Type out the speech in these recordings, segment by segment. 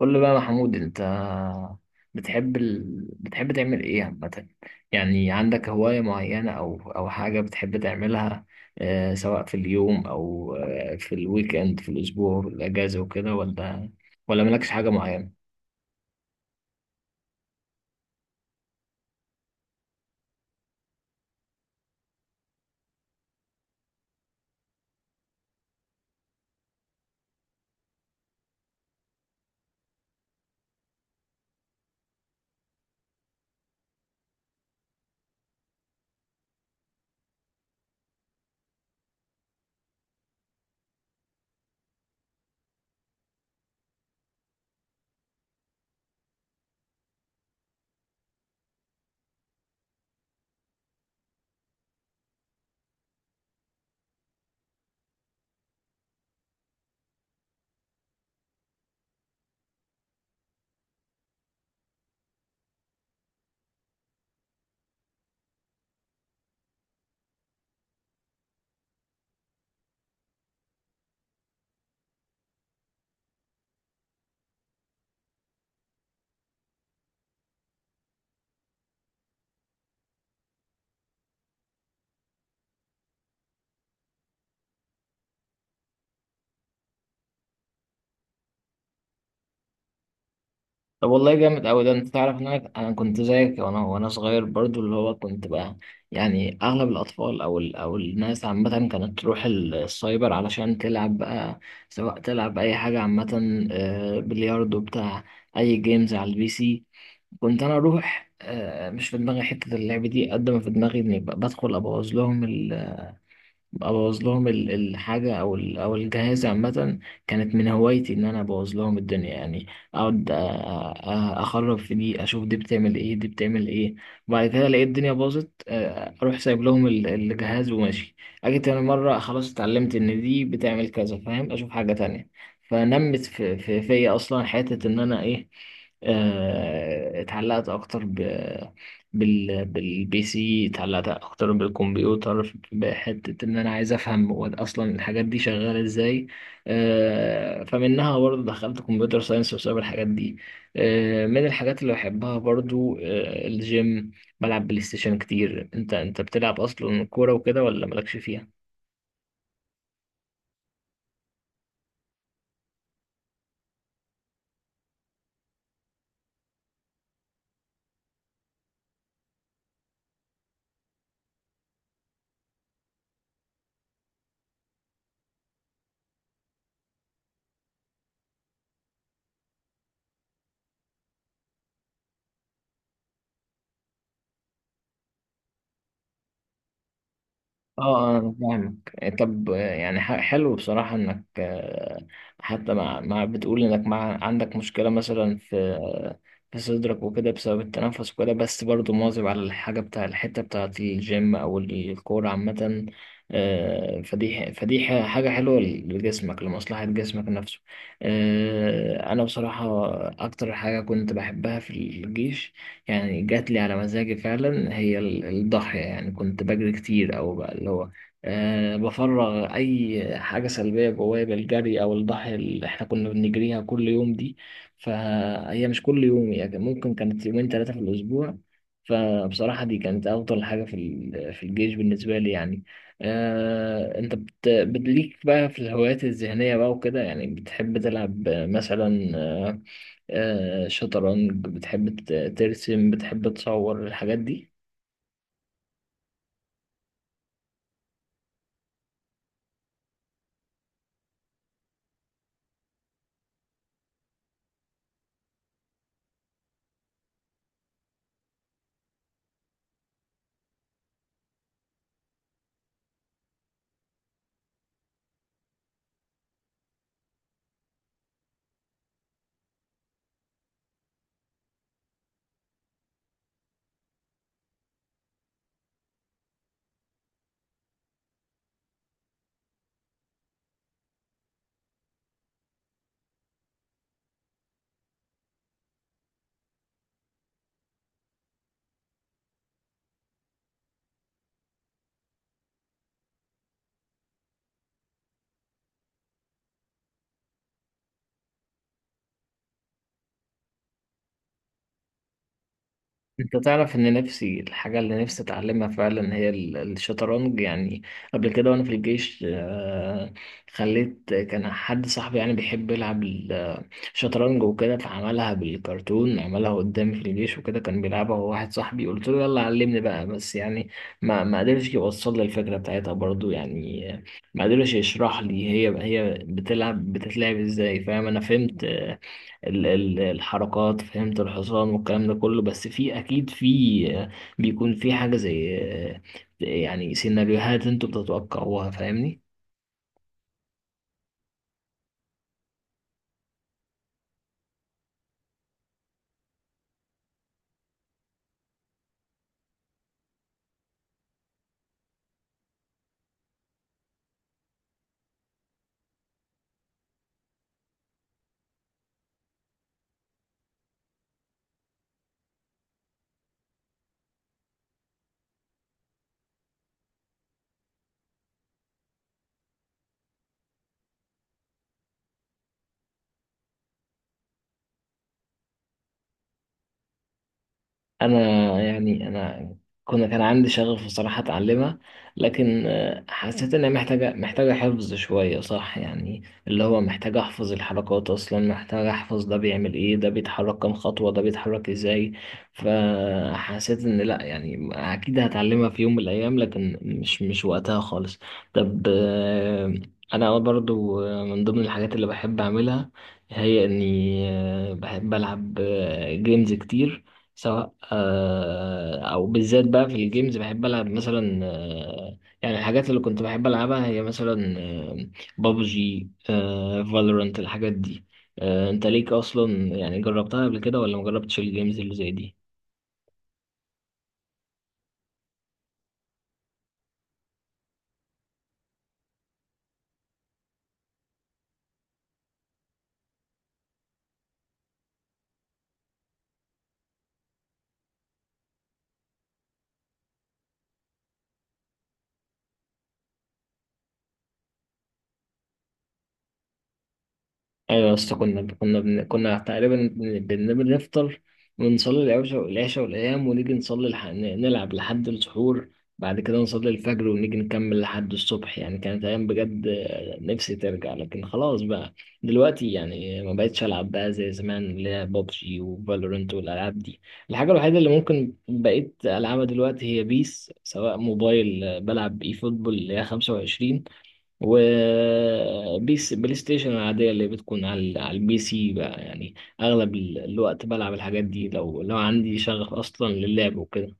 قول لي بقى يا محمود، انت بتحب بتحب تعمل ايه عامة؟ يعني عندك هواية معينة او حاجة بتحب تعملها؟ آه، سواء في اليوم او في الويك اند، في الاسبوع، في الاجازة وكده، ولا ولا مالكش حاجة معينة؟ طب والله جامد أوي ده. أنت تعرف إن أنا كنت زيك؟ وأنا صغير برضو اللي هو كنت بقى يعني أغلب الأطفال أو أو الناس عامة كانت تروح السايبر علشان تلعب بقى، سواء تلعب أي حاجة عامة، بلياردو بتاع، أي جيمز على البي سي. كنت أنا أروح، مش في دماغي حتة اللعب دي قد ما في دماغي إني بدخل أبوظ لهم. ابوظ لهم الحاجه او او الجهاز عامه. كانت من هوايتي ان انا ابوظ لهم الدنيا يعني. اقعد اخرب في دي، اشوف دي بتعمل ايه، دي بتعمل ايه. وبعد كده الاقي الدنيا باظت، اروح سايب لهم الجهاز وماشي. اجي تاني مره خلاص اتعلمت ان دي بتعمل كذا، فاهم؟ اشوف حاجه تانية. فنمت في فيا اصلا حته ان انا ايه، اتعلقت اكتر بالبي سي. اتعلقت اكتر بالكمبيوتر بحته ان انا عايز افهم هو اصلا الحاجات دي شغاله ازاي. فمنها برضه دخلت كمبيوتر ساينس بسبب الحاجات دي. من الحاجات اللي بحبها برضه، الجيم. بلعب بلاي ستيشن كتير. انت بتلعب اصلا كوره وكده، ولا مالكش فيها؟ اه. انا فاهمك. طب، يعني حلو بصراحة انك، حتى مع بتقول انك مع عندك مشكلة مثلا في، في صدرك وكده بسبب التنفس وكده، بس برضو مواظب على الحاجة بتاع الحتة بتاعة الجيم او الكورة عامة. حاجة حلوة لجسمك، لمصلحة جسمك نفسه. انا بصراحة اكتر حاجة كنت بحبها في الجيش، يعني جات لي على مزاجي فعلا، هي الضاحية. يعني كنت بجري كتير، أو بقى اللي هو أه بفرغ أي حاجة سلبية جوايا بالجري أو الضاحية اللي إحنا كنا بنجريها كل يوم دي. فهي مش كل يوم يعني، ممكن كانت يومين ثلاثة في الأسبوع. فبصراحة دي كانت أفضل حاجة في في الجيش بالنسبة لي يعني. أه، أنت ليك بقى في الهوايات الذهنية بقى وكده؟ يعني بتحب تلعب مثلا، شطرنج؟ بتحب ترسم؟ بتحب تصور الحاجات دي؟ انت تعرف ان نفسي الحاجة اللي نفسي اتعلمها فعلا هي الشطرنج يعني. قبل كده وانا في الجيش، خليت كان حد صاحبي يعني بيحب يلعب شطرنج وكده، فعملها بالكرتون، عملها قدامي في الجيش وكده. كان بيلعبها هو واحد صاحبي، قلت له يلا علمني بقى، بس يعني ما قدرش يوصل لي الفكرة بتاعتها برضو يعني. ما قدرش يشرح لي هي بتلعب بتتلعب ازاي. فاهم؟ انا فهمت، الحركات، فهمت الحصان والكلام ده كله، بس في اكيد في، آه، بيكون في حاجة زي، يعني سيناريوهات انتوا بتتوقعوها، فاهمني؟ انا يعني انا، كان عندي شغف بصراحة اتعلمها، لكن حسيت انها محتاجة، محتاجة حفظ شوية، صح؟ يعني اللي هو محتاج احفظ الحركات اصلا، محتاج احفظ ده بيعمل ايه، ده بيتحرك كام خطوة، ده بيتحرك ازاي. فحسيت ان لا، يعني اكيد هتعلمها في يوم من الايام، لكن مش وقتها خالص. طب انا برضو، من ضمن الحاجات اللي بحب اعملها هي اني، بحب العب جيمز كتير. سواء او بالذات بقى في الجيمز بحب العب مثلا، يعني الحاجات اللي كنت بحب العبها هي مثلا، بابجي، فالورانت، الحاجات دي. انت ليك اصلا، يعني جربتها قبل كده ولا مجربتش الجيمز اللي زي دي؟ ايوه يا اسطى، كنا تقريبا بنفطر ونصلي العشاء، والايام ونيجي نصلي نلعب لحد السحور. بعد كده نصلي الفجر ونيجي نكمل لحد الصبح. يعني كانت ايام بجد، نفسي ترجع، لكن خلاص بقى. دلوقتي يعني ما بقتش العب بقى زي زمان، اللي هي بابجي وفالورنت والالعاب دي. الحاجه الوحيده اللي ممكن بقيت العبها دلوقتي هي بيس، سواء موبايل، بلعب اي فوتبول اللي هي 25، وبيس بلاي ستيشن العادية اللي بتكون على على البي سي بقى يعني. أغلب الوقت بلعب الحاجات دي، لو عندي شغف أصلا للعب وكده.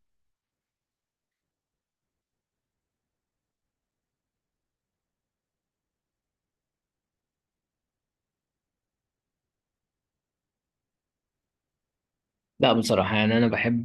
لا بصراحة يعني، أنا بحب،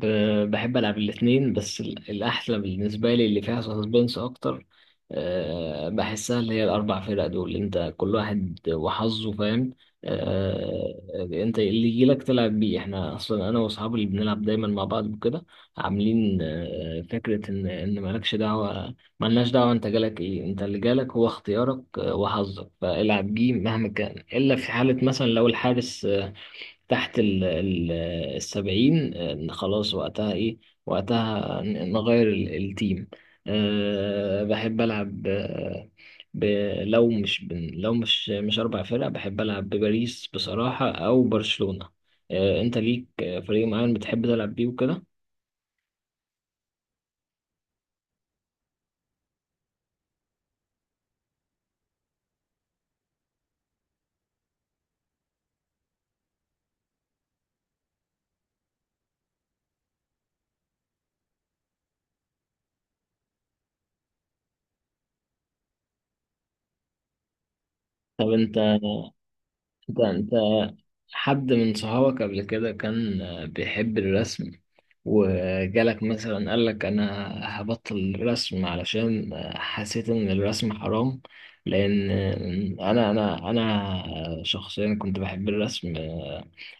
بحب ألعب الاتنين، بس الأحلى بالنسبة لي اللي فيها سسبنس أكتر، بحسها اللي هي الأربع فرق دول. أنت كل واحد وحظه، فاهم؟ آه، أنت اللي يجيلك تلعب بيه. إحنا أصلا أنا وأصحابي اللي بنلعب دايما مع بعض وكده عاملين، فكرة إن مالكش دعوة، ملناش دعوة. أنت جالك إيه، أنت اللي جالك هو اختيارك، وحظك فالعب بيه مهما كان. إلا في حالة مثلا لو الحارس تحت ال السبعين، إن خلاص وقتها ايه، وقتها نغير التيم. أه بحب ألعب، آه، ب لو مش أربع فرق، بحب ألعب بباريس بصراحة أو برشلونة. أه، أنت ليك، فريق معين بتحب تلعب بيه وكده؟ طب أنت، أنت حد من صحابك قبل كده كان بيحب الرسم، وجالك مثلا قالك انا هبطل الرسم علشان حسيت ان الرسم حرام؟ لان انا انا شخصيا كنت بحب الرسم.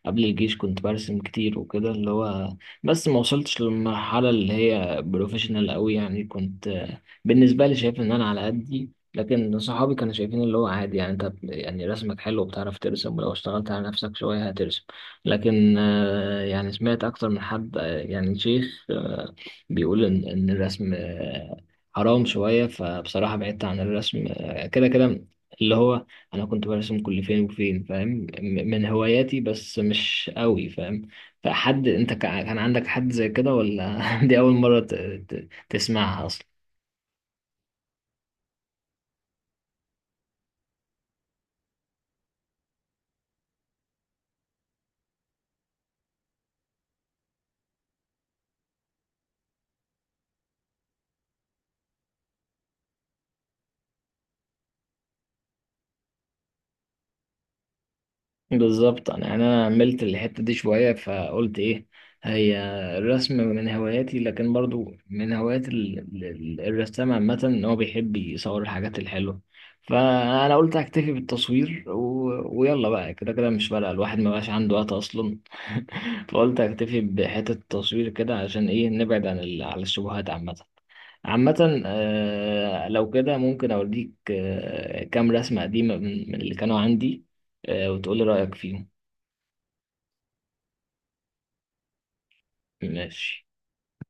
قبل الجيش كنت برسم كتير وكده، اللي هو بس ما وصلتش للمرحلة اللي هي بروفيشنال قوي. يعني كنت بالنسبة لي شايف ان انا على قدي، لكن صحابي كانوا شايفين اللي هو عادي. يعني انت يعني رسمك حلو وبتعرف ترسم، ولو اشتغلت على نفسك شوية هترسم. لكن يعني سمعت أكتر من حد، يعني شيخ، بيقول إن الرسم، حرام شوية. فبصراحة بعدت عن الرسم، كده كده اللي هو أنا كنت برسم كل فين وفين، فاهم؟ من هواياتي، بس مش قوي، فاهم؟ فحد، أنت كان عندك حد زي كده ولا دي أول مرة تسمعها أصلا؟ بالظبط. انا يعني انا عملت الحته دي شويه فقلت ايه، هي الرسم من هواياتي، لكن برضو من هوايات الرسام عامه ان هو بيحب يصور الحاجات الحلوه. فانا قلت اكتفي بالتصوير ويلا بقى، كده كده مش فارقه، الواحد ما بقاش عنده وقت اصلا. فقلت اكتفي بحته التصوير كده، عشان ايه؟ نبعد عن عن الشبهات عامه. عامة، آه، لو كده ممكن أوريك، كام رسمة قديمة من اللي كانوا عندي، وتقولي رأيك فيهم. ماشي.